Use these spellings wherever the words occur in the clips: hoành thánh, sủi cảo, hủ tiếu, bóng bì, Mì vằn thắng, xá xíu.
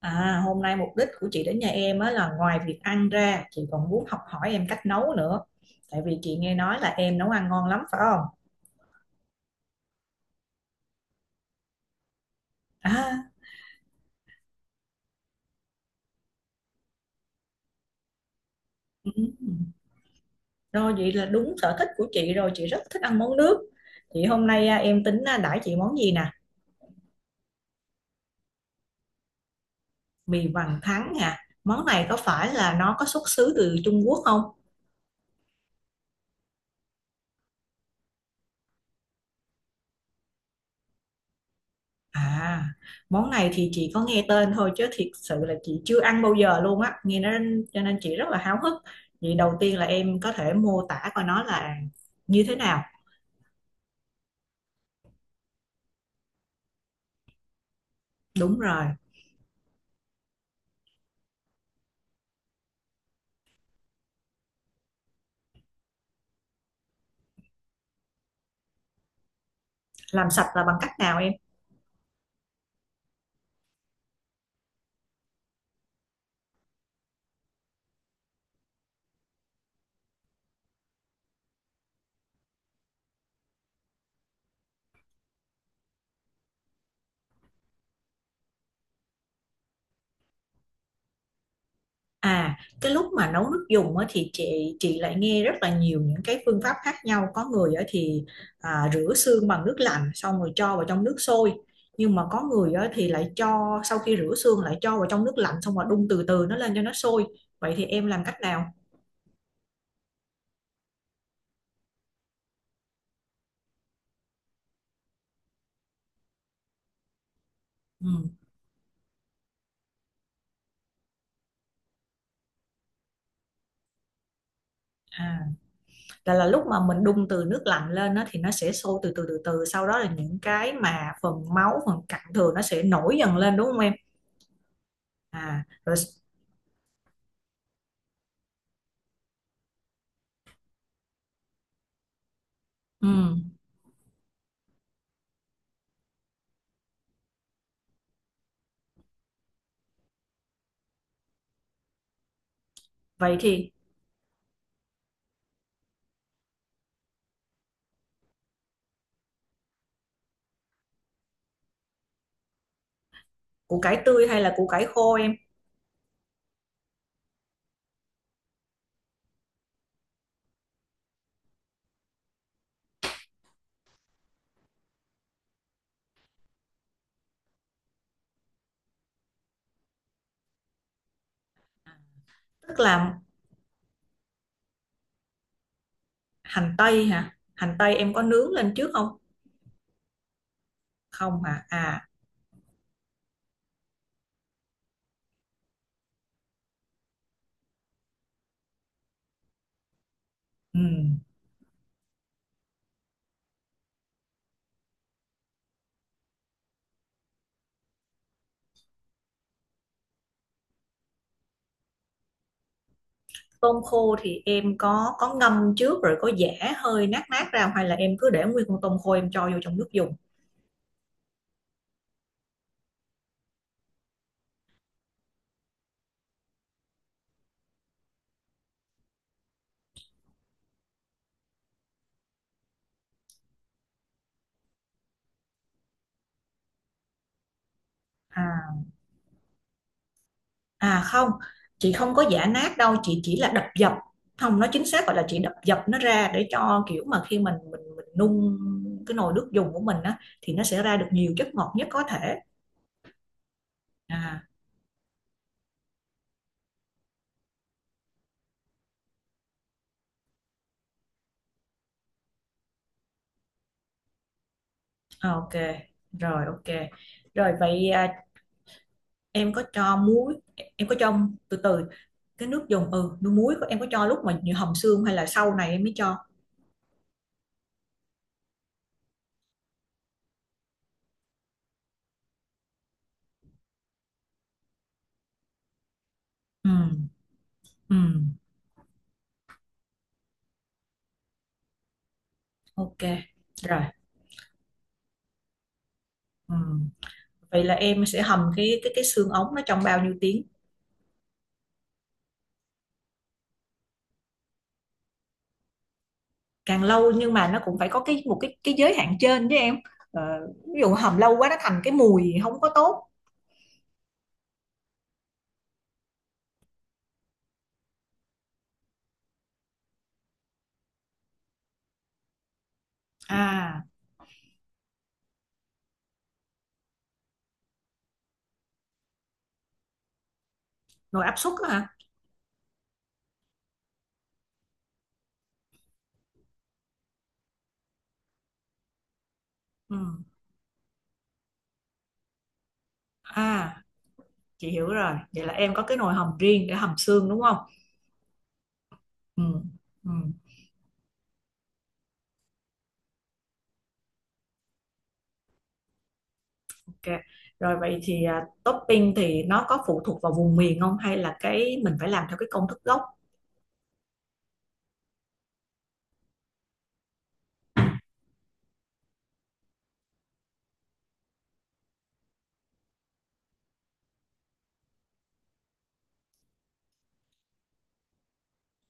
À, hôm nay mục đích của chị đến nhà em á là ngoài việc ăn ra, chị còn muốn học hỏi em cách nấu nữa. Tại vì chị nghe nói là em nấu ăn ngon lắm phải không? À, ừ. Rồi vậy là đúng sở thích của chị rồi, chị rất thích ăn món nước. Thì hôm nay em tính đãi chị món gì nè? Mì vằn thắng nè. Món này có phải là nó có xuất xứ từ Trung Quốc không? À, món này thì chị có nghe tên thôi chứ thiệt sự là chị chưa ăn bao giờ luôn á, nghe nó cho nên chị rất là háo hức. Vậy đầu tiên là em có thể mô tả coi nó là như thế nào? Đúng rồi, làm sạch là bằng cách nào em? À, cái lúc mà nấu nước dùng á thì chị lại nghe rất là nhiều những cái phương pháp khác nhau. Có người á thì rửa xương bằng nước lạnh xong rồi cho vào trong nước sôi. Nhưng mà có người á thì lại cho sau khi rửa xương lại cho vào trong nước lạnh xong rồi đun từ từ nó lên cho nó sôi. Vậy thì em làm cách nào? Ừ. À, là lúc mà mình đun từ nước lạnh lên á, thì nó sẽ sôi từ từ từ từ sau đó là những cái mà phần máu phần cặn thừa nó sẽ nổi dần lên đúng không em? à rồi s- ừ. Vậy thì củ cải tươi hay là củ cải khô em? Tức là hành tây hả, hành tây em có nướng lên trước không? Không hả? À, ừ. Tôm khô thì em có ngâm trước rồi có giã hơi nát nát ra không? Hay là em cứ để nguyên con tôm khô em cho vô trong nước dùng? À, À không, chị không có giã nát đâu, chị chỉ là đập dập. Không, nó chính xác gọi là chị đập dập nó ra để cho kiểu mà khi mình nung cái nồi nước dùng của mình á thì nó sẽ ra được nhiều chất ngọt nhất có thể. À, à, ok. Rồi ok. Rồi vậy à, em có cho muối, em có cho từ từ cái nước dùng ừ, nước muối của em có cho lúc mà như hầm xương hay là sau này em mới cho. Ừ, ừ, ok. Rồi. Ừ. Vậy là em sẽ hầm cái xương ống nó trong bao nhiêu tiếng? Càng lâu nhưng mà nó cũng phải có cái một cái giới hạn trên chứ em. Ờ, ví dụ hầm lâu quá nó thành cái mùi không có tốt. À nồi áp suất á hả? Ừ. À, chị hiểu rồi, vậy là em có cái nồi hầm riêng để hầm xương đúng không? Ừ. Ừ. Ok, rồi vậy thì à, topping thì nó có phụ thuộc vào vùng miền không hay là cái mình phải làm theo cái công thức gốc?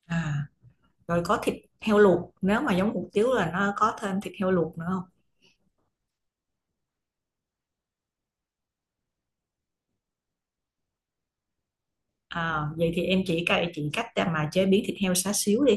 À rồi có thịt heo luộc, nếu mà giống hủ tiếu là nó có thêm thịt heo luộc nữa không? À, vậy thì em chỉ cậy chị cách để mà chế biến thịt heo xá xíu đi.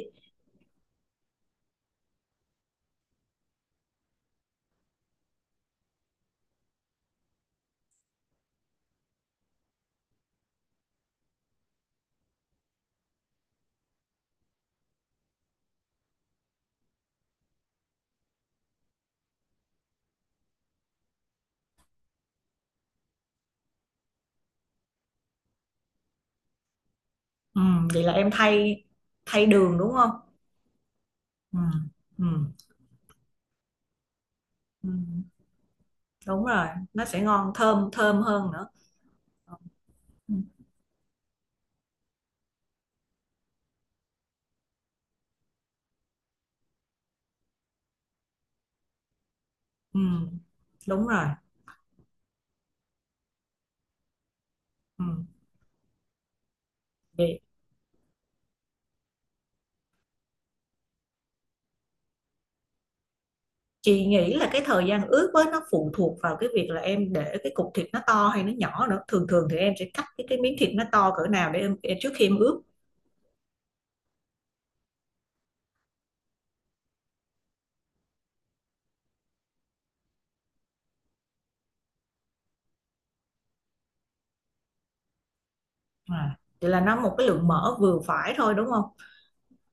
Ừ, vậy là em thay thay đường đúng không? Ừ, ừ, ừ, đúng rồi, nó sẽ ngon thơm thơm hơn nữa. Ừ, ừ, đúng rồi. Ừ. Vậy chị nghĩ là cái thời gian ướp với nó phụ thuộc vào cái việc là em để cái cục thịt nó to hay nó nhỏ nữa. Thường thường thì em sẽ cắt cái miếng thịt nó to cỡ nào để em trước khi em ướp. À. Vậy là nó một cái lượng mỡ vừa phải thôi đúng không?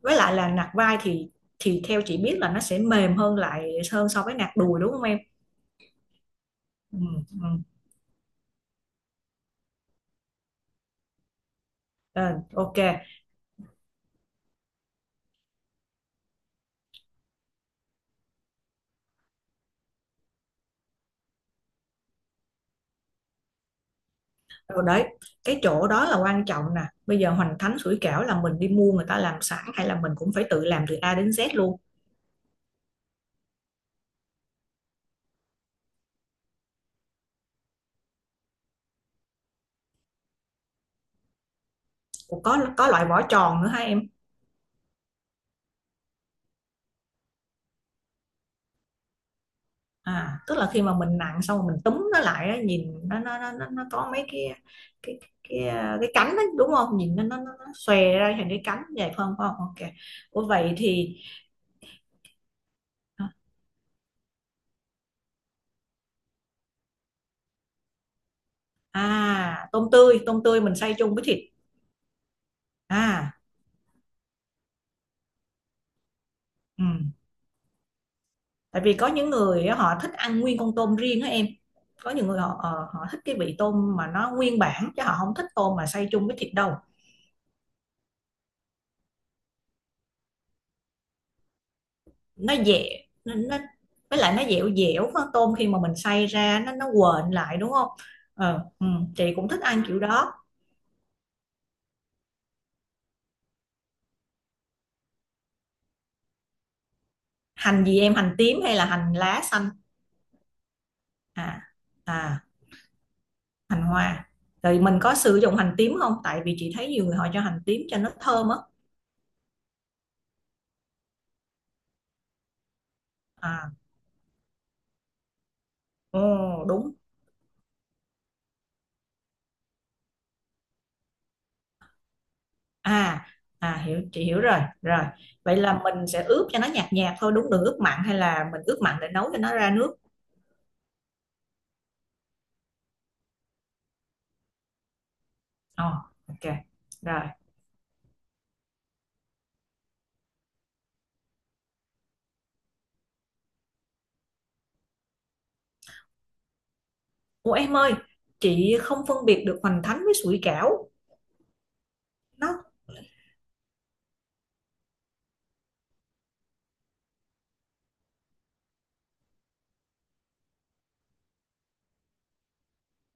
Với lại là nạc vai thì theo chị biết là nó sẽ mềm hơn lại hơn so với nạc đùi đúng không em? Ừ, ừ. Ờ, ok rồi đấy, cái chỗ đó là quan trọng nè. Bây giờ hoành thánh sủi cảo là mình đi mua người ta làm sẵn hay là mình cũng phải tự làm từ A đến Z luôn? Ủa, có loại vỏ tròn nữa hả em? À tức là khi mà mình nặn xong rồi mình túm nó lại á, nhìn nó có mấy cái cái cái cái, cái cánh đó, đúng không, nhìn nó xòe ra thành cái cánh vậy phải không, phải không? Ok. Ủa vậy thì à, tôm tươi, tôm tươi mình xay chung với thịt? À, ừ. Tại vì có những người họ thích ăn nguyên con tôm riêng đó em. Có những người họ họ thích cái vị tôm mà nó nguyên bản chứ họ không thích tôm mà xay chung với thịt đâu. Nó với lại nó dẻo dẻo con tôm khi mà mình xay ra nó quện lại đúng không? Ờ ừ, chị cũng thích ăn kiểu đó. Hành gì em, hành tím hay là hành lá xanh? À, à, hành hoa. Rồi mình có sử dụng hành tím không, tại vì chị thấy nhiều người họ cho hành tím cho nó thơm á? À, ồ, đúng. À, à, hiểu, chị hiểu rồi, rồi vậy là mình sẽ ướp cho nó nhạt nhạt thôi đúng, đừng ướp mặn, hay là mình ướp mặn để nấu cho nó ra nước? Ồ, ok. Rồi. Ủa em ơi, chị không phân biệt được hoành thánh với sủi cảo. Nó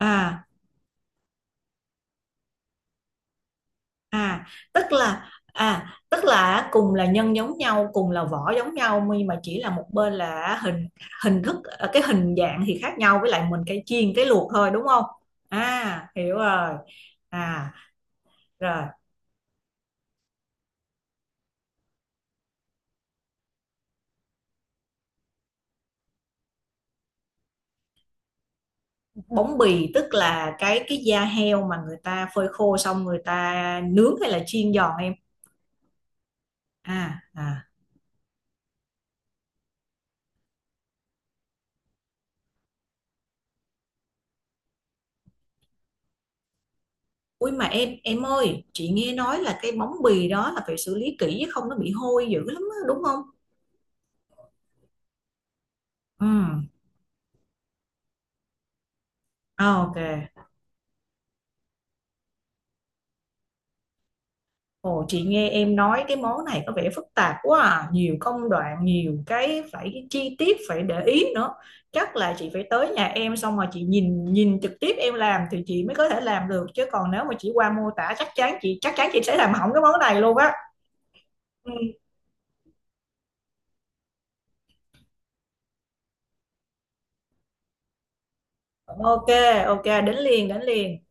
à, à tức là à, tức là cùng là nhân giống nhau, cùng là vỏ giống nhau, nhưng mà chỉ là một bên là hình hình thức cái hình dạng thì khác nhau, với lại mình cái chiên cái luộc thôi đúng không? À hiểu rồi. À rồi, bóng bì tức là cái da heo mà người ta phơi khô xong người ta nướng hay là chiên giòn em? À, à, ui, mà em ơi, chị nghe nói là cái bóng bì đó là phải xử lý kỹ chứ không nó bị hôi dữ lắm á, đúng không? Ừ. À, ok. Ồ, chị nghe em nói cái món này có vẻ phức tạp quá à. Nhiều công đoạn, nhiều cái phải chi tiết phải để ý nữa. Chắc là chị phải tới nhà em xong rồi chị nhìn nhìn trực tiếp em làm thì chị mới có thể làm được chứ còn nếu mà chỉ qua mô tả chắc chắn chị, chắc chắn chị sẽ làm hỏng cái món này luôn á. Ừ. Ok, ok, đến liền, đến liền.